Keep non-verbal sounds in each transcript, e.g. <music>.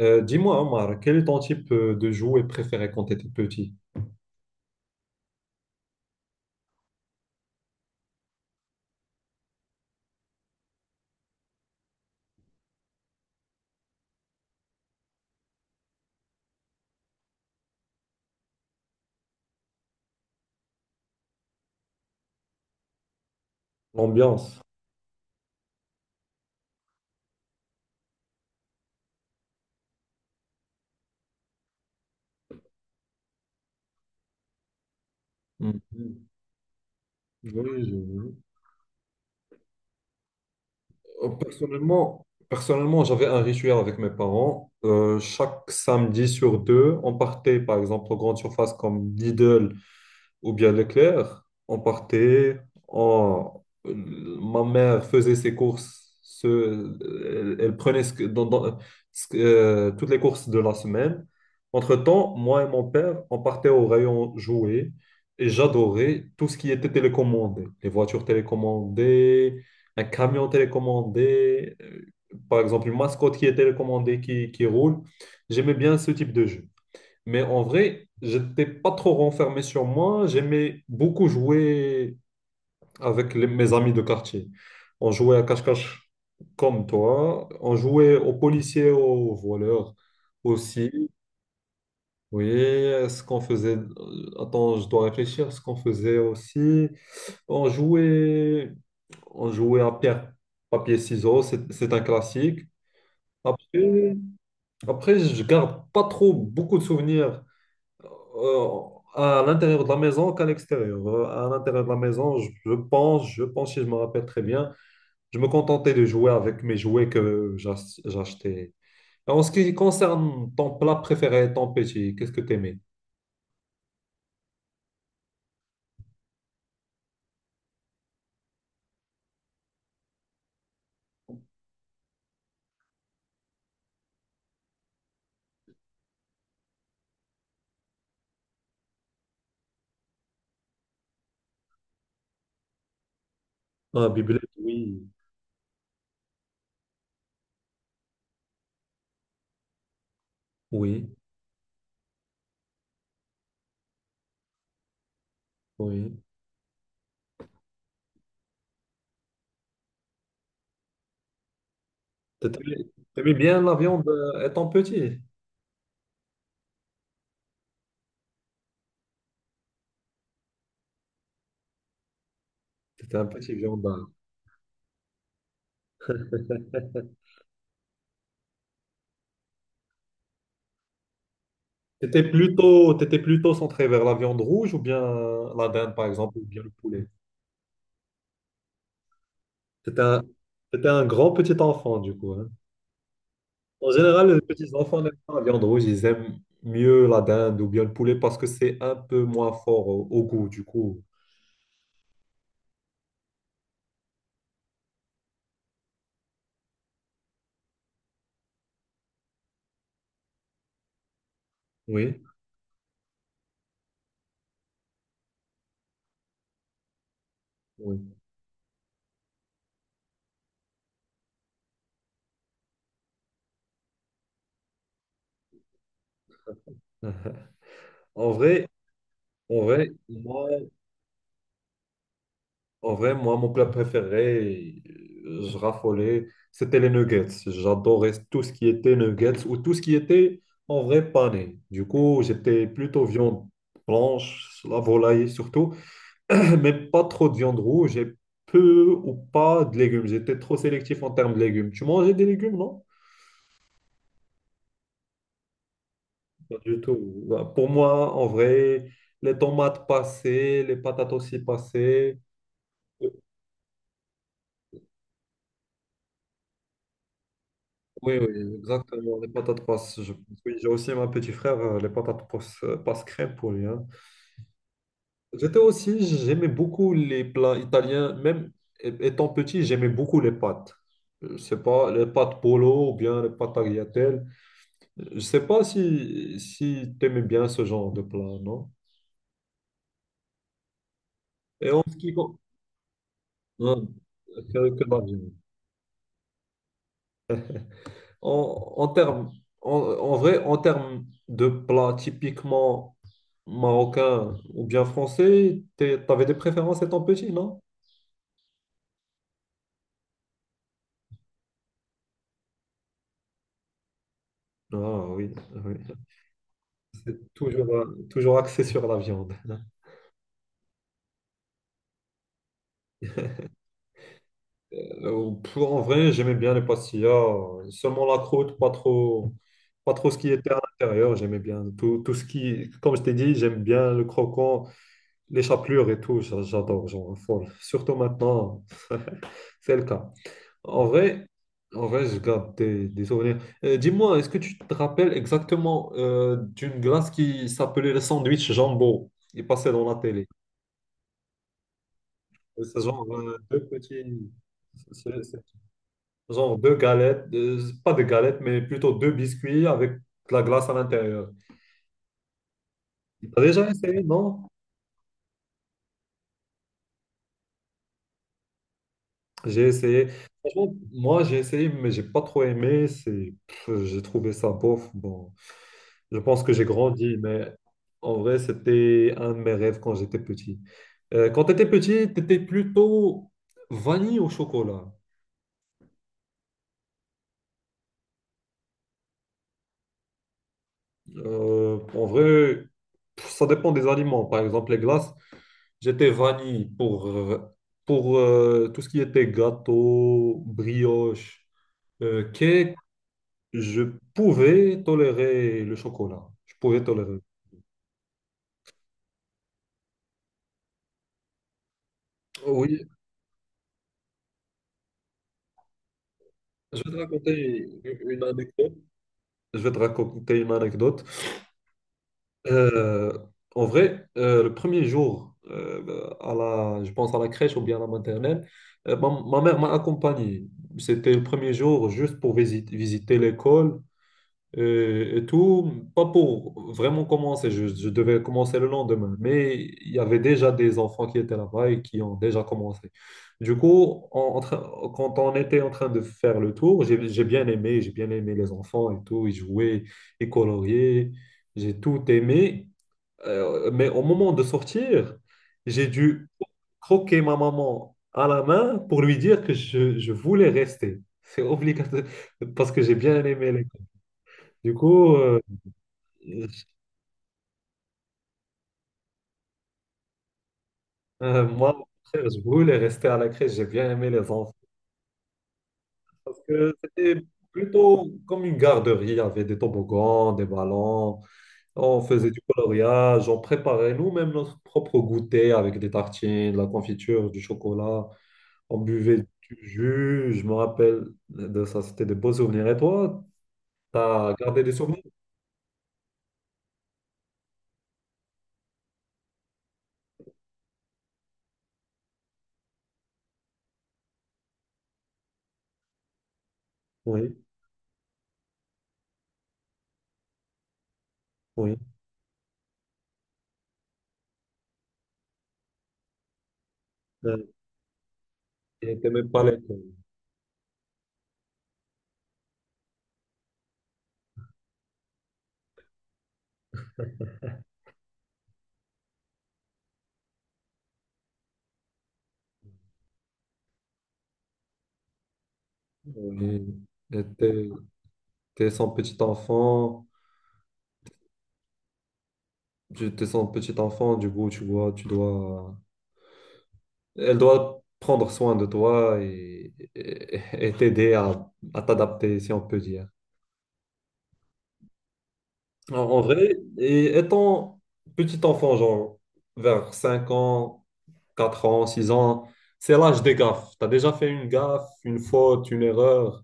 Dis-moi, Omar, quel est ton type de jouet préféré quand tu étais petit? L'ambiance. Mhm. Oui, je- je- personnellement, j'avais un rituel avec mes parents. Chaque samedi sur deux, on partait par exemple aux grandes surfaces comme Lidl ou bien Leclerc, on partait, on- ma mère faisait ses courses, elle prenait ce que- dans- dans- ce que- toutes les courses de la semaine. Entre-temps, moi et mon père, on partait au rayon jouets et j'adorais tout ce qui était télécommandé, les voitures télécommandées, un camion télécommandé, par exemple une mascotte qui est télécommandée, qui roule. J'aimais bien ce type de jeu. Mais en vrai, j'étais pas trop renfermé sur moi. J'aimais beaucoup jouer avec mes amis de quartier. On jouait à cache-cache comme toi. On jouait aux policiers, aux voleurs aussi. Oui, ce qu'on faisait. Attends, je dois réfléchir. Ce qu'on faisait aussi. On jouait, on jouait à pierre, papier, ciseaux. C'est un classique. Après, après, je garde pas trop beaucoup de souvenirs. euh, à l'intérieur de la maison qu'à l'extérieur. À l'intérieur de la maison, je pense, si je me rappelle très bien, je me contentais de jouer avec mes jouets que j'achetais. En ce qui concerne ton plat préféré, ton petit, qu'est-ce que t'aimais? Ah, bibelette, oui. Oui, oui. T'aimais t'aimais bien la viande étant petit? T'étais un petit viandard. T'étais plutôt centré vers la viande rouge ou bien la dinde, par exemple, ou bien le poulet? T'étais un, t'étais un grand petit enfant, du coup, hein. En général, les petits enfants n'aiment pas la viande rouge, ils aiment mieux la dinde ou bien le poulet parce que c'est un peu moins fort au, au goût, du coup. Oui, oui. <laughs> En vrai, en vrai, moi, en vrai, moi, mon plat préféré, je raffolais, c'était les nuggets. J'adorais tout ce qui était nuggets ou tout ce qui était en vrai pané. Du coup, j'étais plutôt viande blanche, la volaille surtout. Même pas trop de viande rouge et peu ou pas de légumes. J'étais trop sélectif en termes de légumes. Tu mangeais des légumes, non? Pas du tout. Bah, pour moi, en vrai, les tomates passaient, les patates aussi passaient. Oui, oui, exactement. Les patates passent. Je Oui, j'ai aussi ma petit frère, les patates passent, passent crème pour lui, hein. J'étais aussi, j'aimais beaucoup les plats italiens. Même étant petit, j'aimais beaucoup les pâtes. Je sais pas, les pâtes polo ou bien les pâtes tagliatelles. Je sais pas si, si tu aimes bien ce genre de plat, non? Et en ce qui con- non, que- Que l'Algérie. En, en termes, en vrai, en termes de plats typiquement marocains ou bien français, tu avais des préférences étant petit, non? Ah oui, oui. C'est toujours, toujours axé sur la viande. <laughs> Pff, en vrai, j'aimais bien les pastillas, seulement la croûte, pas trop ce qui était à l'intérieur. J'aimais bien tout, tout ce qui, comme je t'ai dit, j'aime bien le croquant, les chapelures et tout. J'adore, genre, folle. Surtout maintenant, c'est le cas. En vrai, en vrai, je garde des souvenirs. Dis-moi, est-ce que tu te rappelles exactement d'une glace qui s'appelait le sandwich jambon? Il passait dans la télé. C'est genre deux petits. Genre deux galettes, pas de galettes, mais plutôt deux biscuits avec de la glace à l'intérieur. T'as déjà essayé, non? J'ai essayé. Franchement, moi, j'ai essayé, mais j'ai pas trop aimé. C'est, pff, j'ai trouvé ça bof. Bon, je pense que j'ai grandi, mais en vrai, c'était un de mes rêves quand j'étais petit. Quand t'étais petit, t'étais plutôt vanille au chocolat. En vrai, pff, ça dépend des aliments. Par exemple, les glaces. J'étais vanille pour, tout ce qui était gâteau, brioche, cake. Je pouvais tolérer le chocolat. Je pouvais tolérer. Oui, je vais te raconter une anecdote. Je vais te raconter une anecdote. Euh, En vrai, le premier jour, à la, je pense à la crèche ou bien à la maternelle, ma mère m'a accompagné. C'était le premier jour juste pour visiter l'école, et tout, pas pour vraiment commencer, je devais commencer le lendemain, mais il y avait déjà des enfants qui étaient là-bas et qui ont déjà commencé. Du coup, quand on était en train de faire le tour, j'ai bien aimé les enfants et tout, ils jouaient, ils coloriaient, j'ai tout aimé. Mais au moment de sortir, j'ai dû croquer ma maman à la main pour lui dire que je voulais rester. C'est obligatoire parce que j'ai bien aimé les... Du coup, euh, moi, au contraire, je voulais rester à la crèche. J'ai bien aimé les enfants parce que c'était plutôt comme une garderie. Il y avait des toboggans, des ballons. On faisait du coloriage. On préparait nous-mêmes notre propre goûter avec des tartines, de la confiture, du chocolat. On buvait du jus. Je me rappelle de ça. C'était de beaux souvenirs. Et toi, t'as gardé des souvenirs? Oui, oui. Euh, Et t'aimais pas l'école. Oui. Et t'es son petit enfant. Tu te sens petit enfant, du coup, elle doit prendre soin de toi et et t'aider à t'adapter, si on peut dire. En en vrai, et étant petit enfant, genre vers 5 ans, 4 ans, 6 ans, c'est l'âge des gaffes. Tu as déjà fait une gaffe, une faute, une erreur.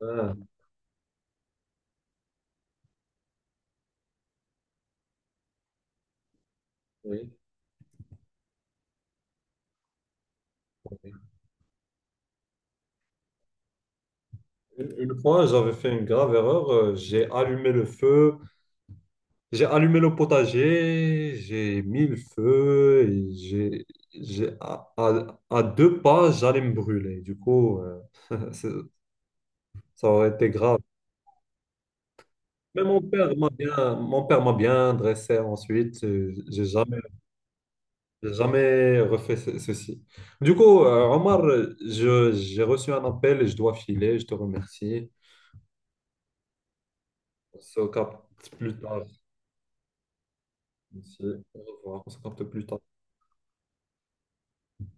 Ah, oui. Une fois, j'avais fait une grave erreur. J'ai allumé le feu. J'ai allumé le potager, j'ai mis le feu, et à 2 pas, j'allais me brûler. Du coup, c'est- ça aurait été grave. Mon père m'a bien dressé ensuite. J'ai jamais refait ceci. Du coup, Omar, j'ai reçu un appel et je dois filer. Je te remercie. On se capte plus tard. Merci. Au revoir. On se capte plus tard.